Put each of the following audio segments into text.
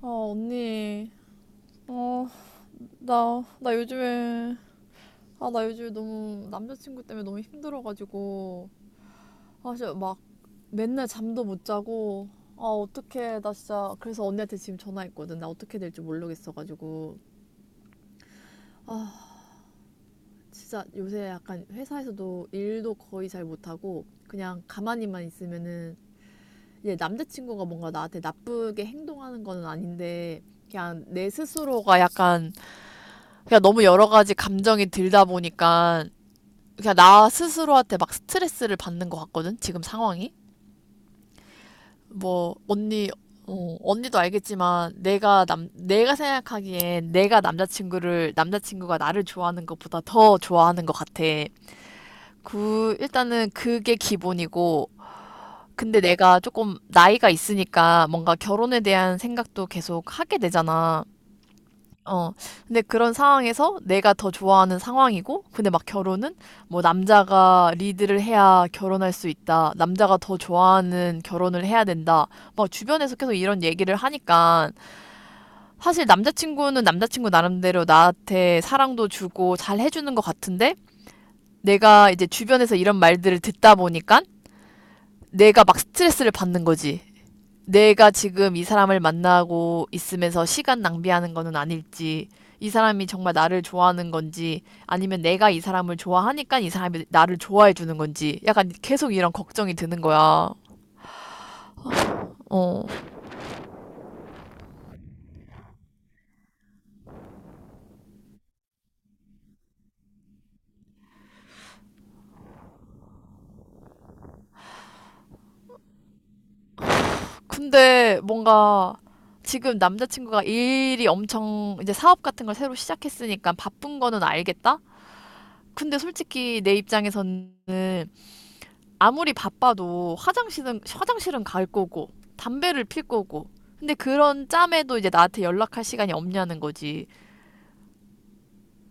아, 언니. 어, 나 요즘에, 아, 나 요즘에 너무 남자친구 때문에 너무 힘들어가지고, 아, 진짜 막 맨날 잠도 못 자고, 아, 어떡해. 나 진짜, 그래서 언니한테 지금 전화했거든. 나 어떻게 될지 모르겠어가지고. 아, 진짜 요새 약간 회사에서도 일도 거의 잘 못하고, 그냥 가만히만 있으면은, 이제 남자친구가 뭔가 나한테 나쁘게 행동하는 거는 아닌데, 그냥 내 스스로가 약간 그냥 너무 여러 가지 감정이 들다 보니까 그냥 나 스스로한테 막 스트레스를 받는 것 같거든. 지금 상황이, 뭐, 언니, 어, 언니도 알겠지만 내가 생각하기엔 내가 남자친구를 남자친구가 나를 좋아하는 것보다 더 좋아하는 것 같아. 그 일단은 그게 기본이고, 근데 내가 조금 나이가 있으니까 뭔가 결혼에 대한 생각도 계속 하게 되잖아. 어, 근데 그런 상황에서 내가 더 좋아하는 상황이고, 근데 막 결혼은 뭐 남자가 리드를 해야 결혼할 수 있다, 남자가 더 좋아하는 결혼을 해야 된다, 막 주변에서 계속 이런 얘기를 하니까, 사실 남자친구는 남자친구 나름대로 나한테 사랑도 주고 잘 해주는 것 같은데, 내가 이제 주변에서 이런 말들을 듣다 보니까, 내가 막 스트레스를 받는 거지. 내가 지금 이 사람을 만나고 있으면서 시간 낭비하는 거는 아닐지, 이 사람이 정말 나를 좋아하는 건지, 아니면 내가 이 사람을 좋아하니까 이 사람이 나를 좋아해 주는 건지, 약간 계속 이런 걱정이 드는 거야. 어. 근데 뭔가 지금 남자친구가 일이 엄청, 이제 사업 같은 걸 새로 시작했으니까 바쁜 거는 알겠다? 근데 솔직히 내 입장에서는 아무리 바빠도 화장실은 갈 거고 담배를 필 거고, 근데 그런 짬에도 이제 나한테 연락할 시간이 없냐는 거지.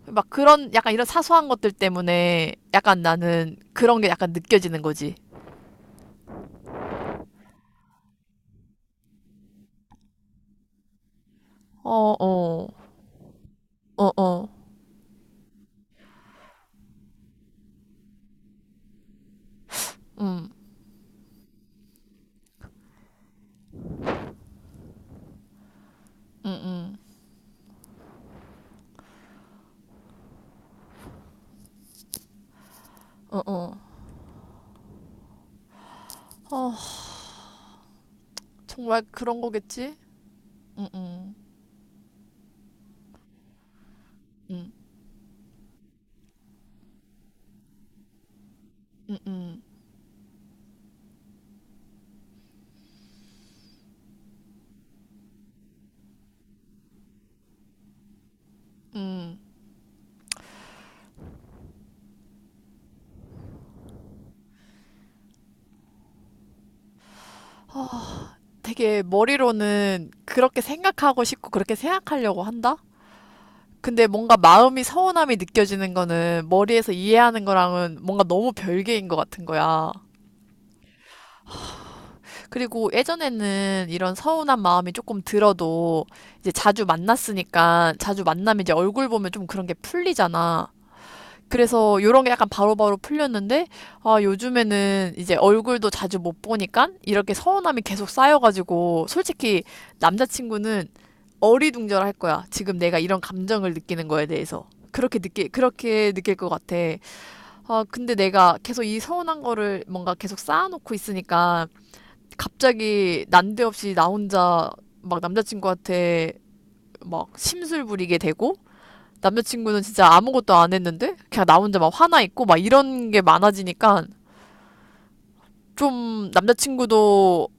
막 그런 약간 이런 사소한 것들 때문에 약간 나는 그런 게 약간 느껴지는 거지. 어, 어, 어, 어, 음, 어, 어, 어, 정말 그런 거겠지. 음, 음. 되게 머리로는 그렇게 생각하고 싶고 그렇게 생각하려고 한다. 근데 뭔가 마음이 서운함이 느껴지는 거는 머리에서 이해하는 거랑은 뭔가 너무 별개인 것 같은 거야. 그리고 예전에는 이런 서운한 마음이 조금 들어도 이제 자주 만났으니까, 자주 만나면 이제 얼굴 보면 좀 그런 게 풀리잖아. 그래서 요런 게 약간 바로바로 풀렸는데, 아, 요즘에는 이제 얼굴도 자주 못 보니까 이렇게 서운함이 계속 쌓여가지고, 솔직히 남자친구는 어리둥절할 거야. 지금 내가 이런 감정을 느끼는 거에 대해서. 그렇게 느낄 것 같아. 아, 근데 내가 계속 이 서운한 거를 뭔가 계속 쌓아놓고 있으니까, 갑자기 난데없이 나 혼자 막 남자친구한테 막 심술 부리게 되고, 남자친구는 진짜 아무것도 안 했는데 그냥 나 혼자 막 화나 있고 막 이런 게 많아지니까 좀 남자친구도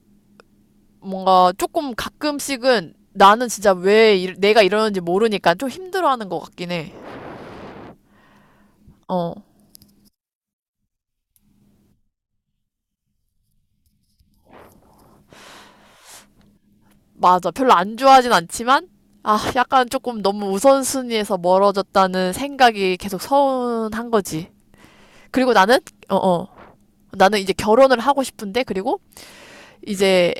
뭔가 조금 가끔씩은, 나는 진짜 왜 내가 이러는지 모르니까 좀 힘들어하는 것 같긴 해. 어, 맞아. 별로 안 좋아하진 않지만, 아, 약간 조금 너무 우선순위에서 멀어졌다는 생각이 계속 서운한 거지. 그리고 나는, 어, 어. 나는 이제 결혼을 하고 싶은데, 그리고 이제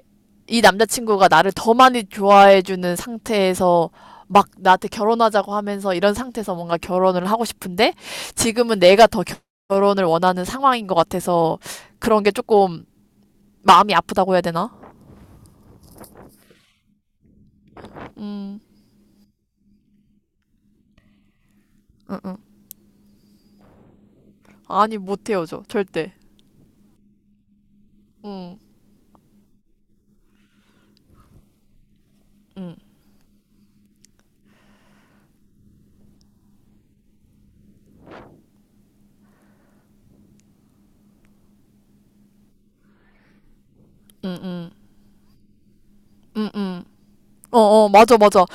이 남자친구가 나를 더 많이 좋아해주는 상태에서 막 나한테 결혼하자고 하면서 이런 상태에서 뭔가 결혼을 하고 싶은데, 지금은 내가 더 결혼을 원하는 상황인 것 같아서 그런 게 조금 마음이 아프다고 해야 되나? 음, 응, 응. 아니, 못 헤어져. 절대. 음. 어, 어, 맞아, 맞아.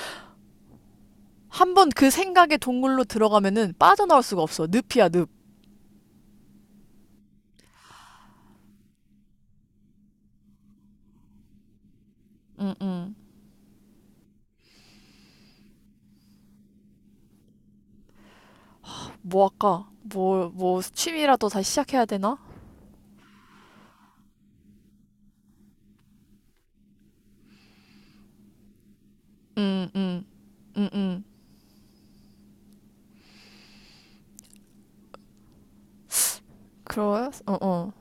한 번 그 생각의 동굴로 들어가면은 빠져나올 수가 없어. 늪이야, 늪. 응, 응. 뭐 할까? 뭐, 뭐, 취미라도 다시 시작해야 되나? 응, 응, 응, 응. 그러요. 어, 어,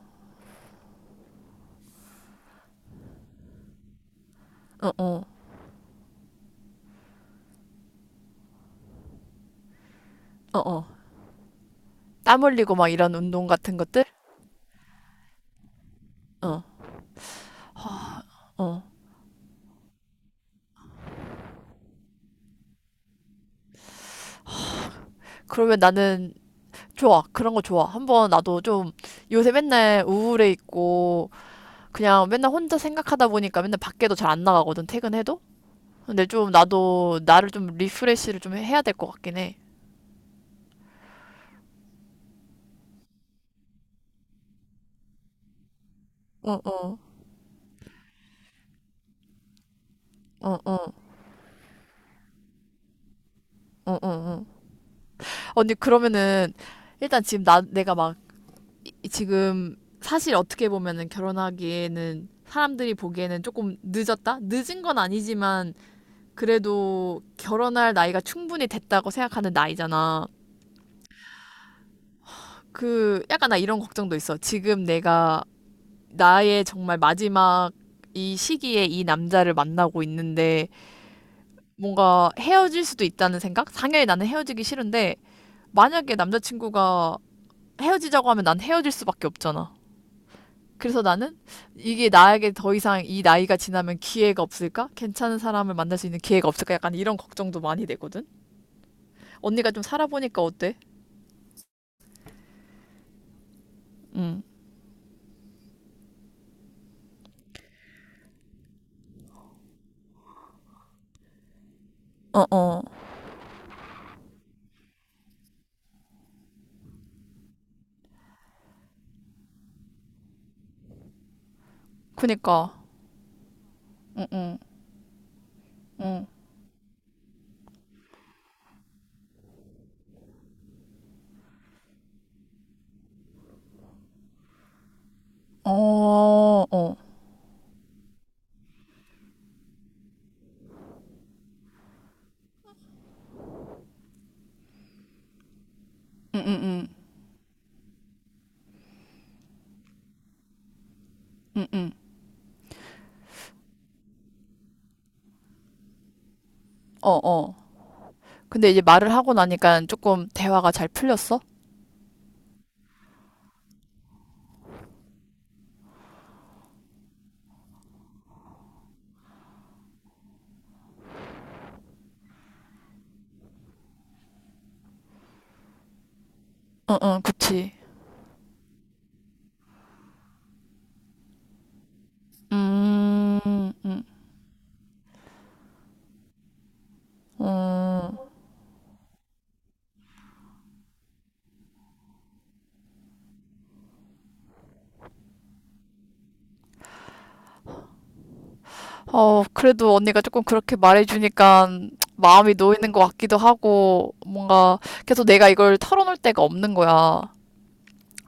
어, 어, 어, 어. 땀 흘리고 막 이런 운동 같은 것들? 어, 어. 그러면 나는 좋아. 그런 거 좋아. 한번 나도 좀, 요새 맨날 우울해 있고 그냥 맨날 혼자 생각하다 보니까 맨날 밖에도 잘 안 나가거든, 퇴근해도? 근데 좀 나도 나를 좀 리프레시를 좀 해야 될 것 같긴 해. 어, 어, 어, 어, 어, 어, 어. 언니, 그러면은 일단 지금 나, 내가 막 지금, 사실 어떻게 보면은 결혼하기에는 사람들이 보기에는 조금 늦었다? 늦은 건 아니지만 그래도 결혼할 나이가 충분히 됐다고 생각하는 나이잖아. 그 약간 나 이런 걱정도 있어. 지금 내가, 나의 정말 마지막 이 시기에 이 남자를 만나고 있는데 뭔가 헤어질 수도 있다는 생각? 당연히 나는 헤어지기 싫은데 만약에 남자친구가 헤어지자고 하면 난 헤어질 수밖에 없잖아. 그래서 나는 이게 나에게 더 이상 이 나이가 지나면 기회가 없을까? 괜찮은 사람을 만날 수 있는 기회가 없을까? 약간 이런 걱정도 많이 되거든. 언니가 좀 살아보니까 어때? 어, 어, 그니까. 어, 어, 어, 어. 근데 이제 말을 하고 나니까 조금 대화가 잘 풀렸어? 어, 어, 그치. 음, 음, 어, 그래도 언니가 조금 그렇게 말해주니까 마음이 놓이는 것 같기도 하고, 뭔가 계속 내가 이걸 털어놓을 데가 없는 거야.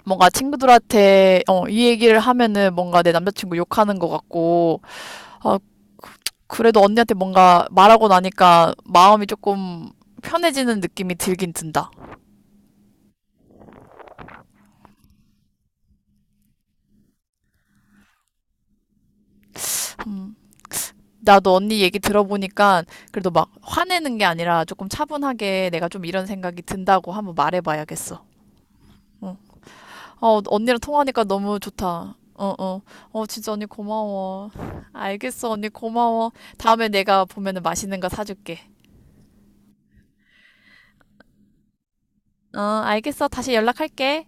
뭔가 친구들한테 어, 이 얘기를 하면은 뭔가 내 남자친구 욕하는 것 같고. 아, 그래도 언니한테 뭔가 말하고 나니까 마음이 조금 편해지는 느낌이 들긴 든다. 음, 나도 언니 얘기 들어보니까 그래도 막 화내는 게 아니라 조금 차분하게 내가 좀 이런 생각이 든다고 한번 말해봐야겠어. 어, 어, 언니랑 통화하니까 너무 좋다. 어, 어, 어, 진짜 언니 고마워. 알겠어, 언니 고마워. 다음에 내가 보면은 맛있는 거 사줄게. 어, 알겠어. 다시 연락할게.